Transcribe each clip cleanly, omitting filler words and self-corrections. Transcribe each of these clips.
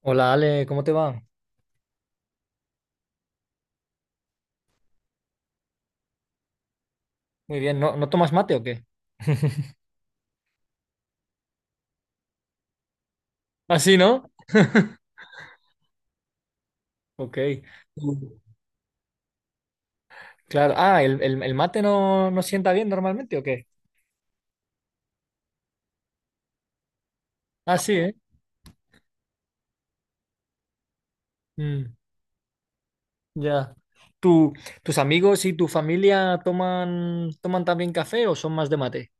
Hola Ale, ¿cómo te va? Muy bien, ¿no tomas mate o qué? Ah, sí, ¿no? Ok. Tú- Claro, ah, ¿el mate no sienta bien normalmente o qué? Ah, sí, ¿eh? Mm, ya. ¿Tú- Tus amigos y tu familia toman también café o son más de mate?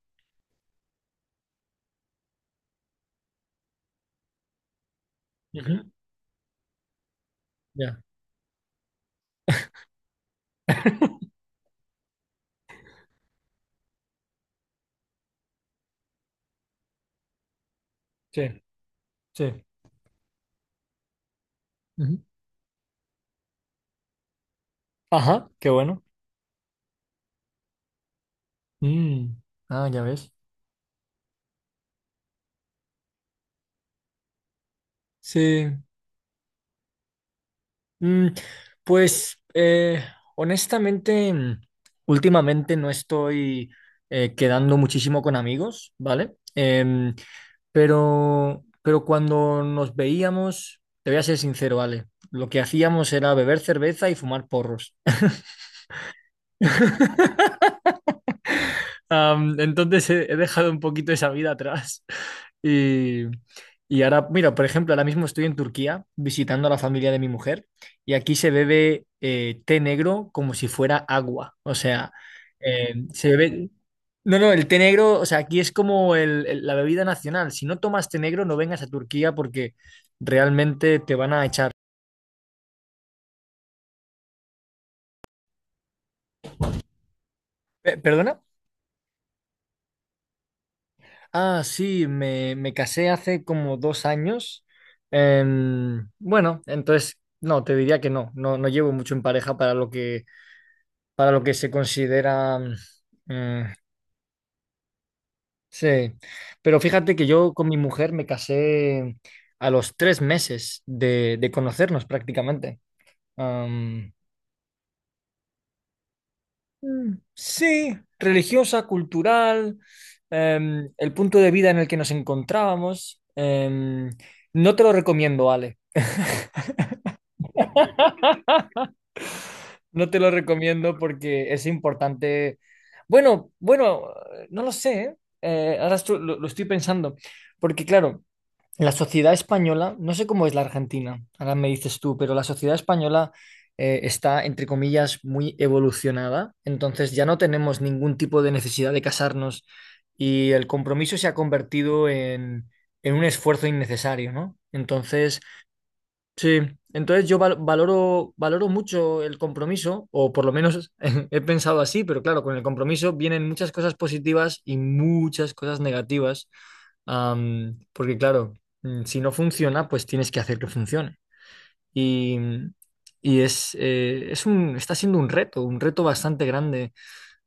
Ujú, ya, sí, sí. Ujú. Ajá, qué bueno. Mm, ah, ya ves. Sí. Mm, pues honestamente, últimamente no estoy quedando muchísimo con amigos, ¿vale? Pero cuando nos veíamos, te voy a ser sincero, Ale, lo que hacíamos era beber cerveza y fumar porros. Entonces he dejado un poquito esa vida atrás. Y, y ahora, mira, por ejemplo, ahora mismo estoy en Turquía visitando a la familia de mi mujer y aquí se bebe té negro como si fuera agua. O sea, se bebe... No, no, el té negro, o sea, aquí es como la bebida nacional. Si no tomas té negro, no vengas a Turquía porque realmente te van a echar. ¿Perdona? Ah, sí, me casé hace como dos años. Bueno, entonces, no, te diría que no llevo mucho en pareja para lo que se considera... eh, sí, pero fíjate que yo con mi mujer me casé a los tres meses de conocernos prácticamente. Am, sí, religiosa, cultural, el punto de vida en el que nos encontrábamos. No te lo recomiendo, Ale. No te lo recomiendo porque es importante. Bueno, no lo sé, ¿eh? Ahora lo estoy pensando, porque claro, la sociedad española, no sé cómo es la Argentina, ahora me dices tú, pero la sociedad española está, entre comillas, muy evolucionada, entonces ya no tenemos ningún tipo de necesidad de casarnos y el compromiso se ha convertido en un esfuerzo innecesario, ¿no? Entonces... Sí, entonces yo valoro, valoro mucho el compromiso, o por lo menos he pensado así, pero claro, con el compromiso vienen muchas cosas positivas y muchas cosas negativas, porque claro, si no funciona, pues tienes que hacer que funcione. Y, y es un, está siendo un reto bastante grande.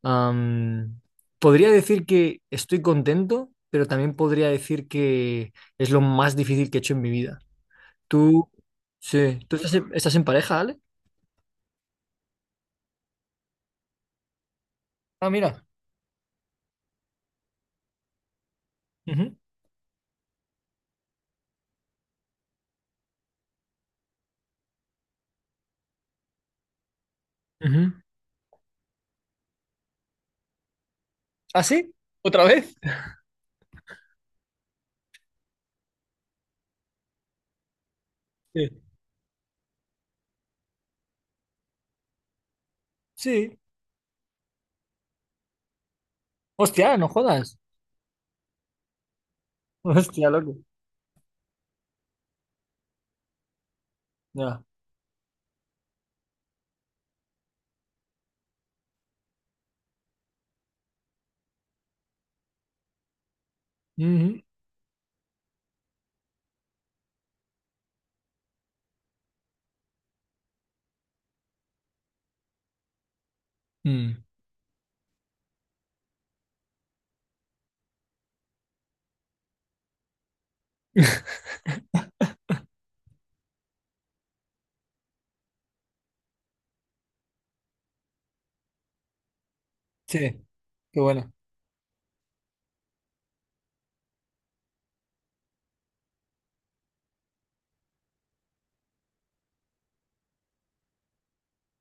Am, podría decir que estoy contento, pero también podría decir que es lo más difícil que he hecho en mi vida. Tú, sí, ¿tú estás en, estás en pareja, Ale? Ah, mira. Ujú. Ujú. ¿Ah, sí? ¿Otra vez? Sí. Sí. Hostia, no jodas. Hostia, loco. Ya. Ujú. Mm. Sí, qué bueno.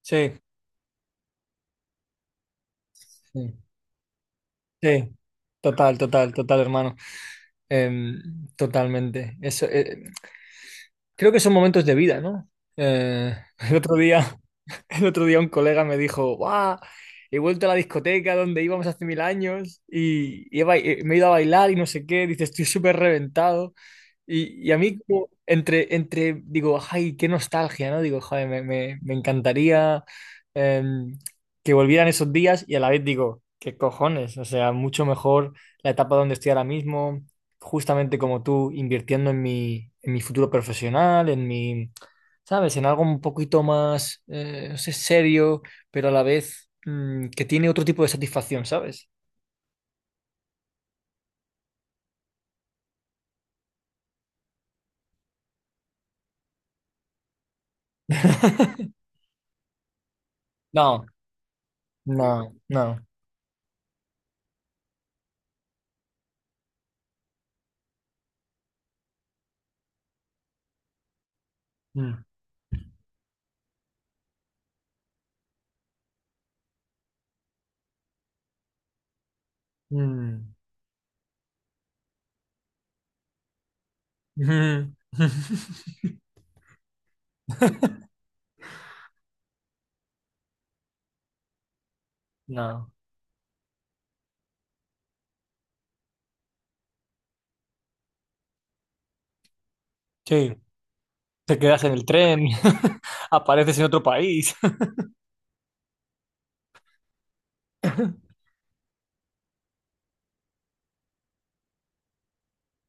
Sí, sí, sí. Total, total, total, hermano. Em, totalmente. Eso, creo que son momentos de vida, ¿no? Eh, el otro día. El otro día un colega me dijo, ¡guau! He vuelto a la discoteca donde íbamos hace mil años y he me he ido a bailar y no sé qué. Dice, estoy súper reventado. Y a mí, como, digo, ¡ay, qué nostalgia! ¿No? Digo, joder, me encantaría em, que volvieran esos días y a la vez digo, ¿qué cojones? O sea, mucho mejor la etapa donde estoy ahora mismo, justamente como tú, invirtiendo en mi futuro profesional, en mi ¿sabes? En algo un poquito más, no sé, serio, pero a la vez que tiene otro tipo de satisfacción, ¿sabes? No, no, no. Mm, mm, mm, no. Sí, te quedas en el tren, apareces en otro país.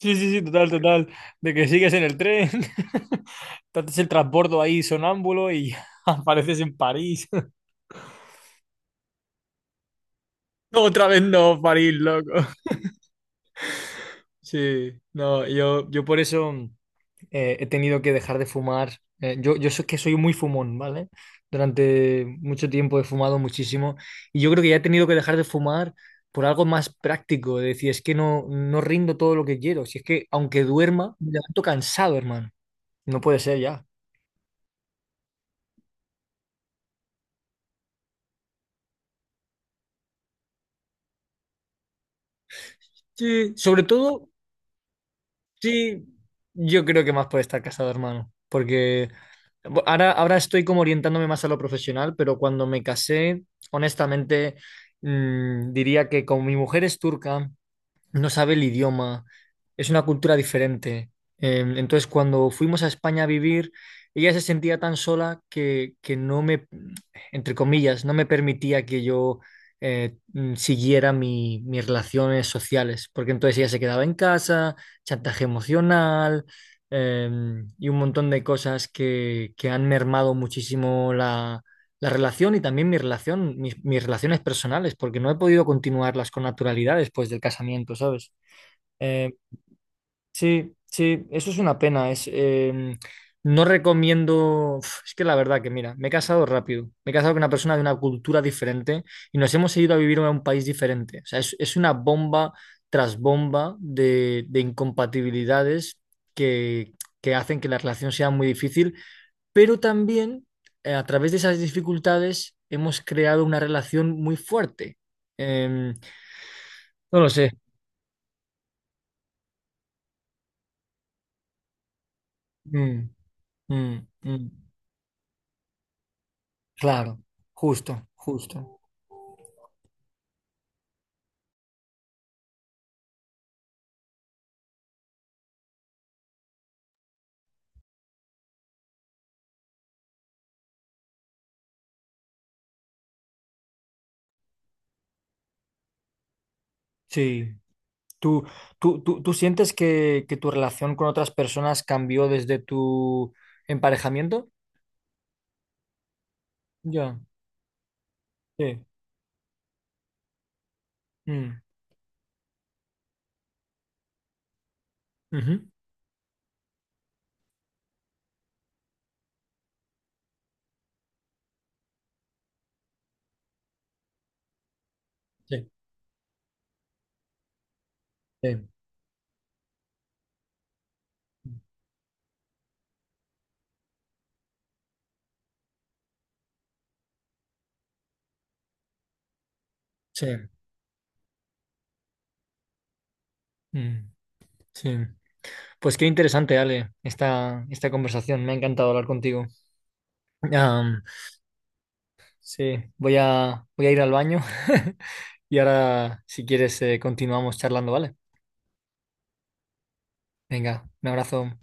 Sí, sí, sí, total, total. De que sigues en el tren, te haces el transbordo ahí sonámbulo y apareces en París. Otra vez no, París, loco. Sí, no, yo por eso. He tenido que dejar de fumar. Yo, yo sé que soy muy fumón, ¿vale? Durante mucho tiempo he fumado muchísimo y yo creo que ya he tenido que dejar de fumar por algo más práctico, de decir, es que no rindo todo lo que quiero, si es que aunque duerma, me levanto cansado, hermano. No puede ser ya. Sí, sobre todo, sí, yo creo que más puede estar casado, hermano, porque ahora, ahora estoy como orientándome más a lo profesional, pero cuando me casé, honestamente... diría que como mi mujer es turca no sabe el idioma, es una cultura diferente. Entonces, cuando fuimos a España a vivir, ella se sentía tan sola que no me, entre comillas, no me permitía que yo siguiera mis relaciones sociales, porque entonces ella se quedaba en casa, chantaje emocional. eh, y un montón de cosas que han mermado muchísimo la relación y también mi relación, mis relaciones personales, porque no he podido continuarlas con naturalidad después del casamiento, ¿sabes? Eh, sí, sí, eso es una pena. Es, no recomiendo, uf, es que la verdad que mira, me he casado rápido, me he casado con una persona de una cultura diferente y nos hemos ido a vivir a un país diferente. O sea, es una bomba tras bomba de incompatibilidades que, que hacen que la relación sea muy difícil pero también a través de esas dificultades hemos creado una relación muy fuerte. Em, no lo sé. Mm, mm, mm. Claro, justo, justo. Sí. ¿Tú, tú sientes que tu relación con otras personas cambió desde tu emparejamiento? Ya, sí. Mm, ujú, sí, sí, sí. mm, sí. Pues qué interesante, Ale, esta conversación. Me ha encantado hablar contigo. Am, Sí, voy a ir al baño y ahora, si quieres, continuamos charlando, ¿vale? Venga, un abrazo.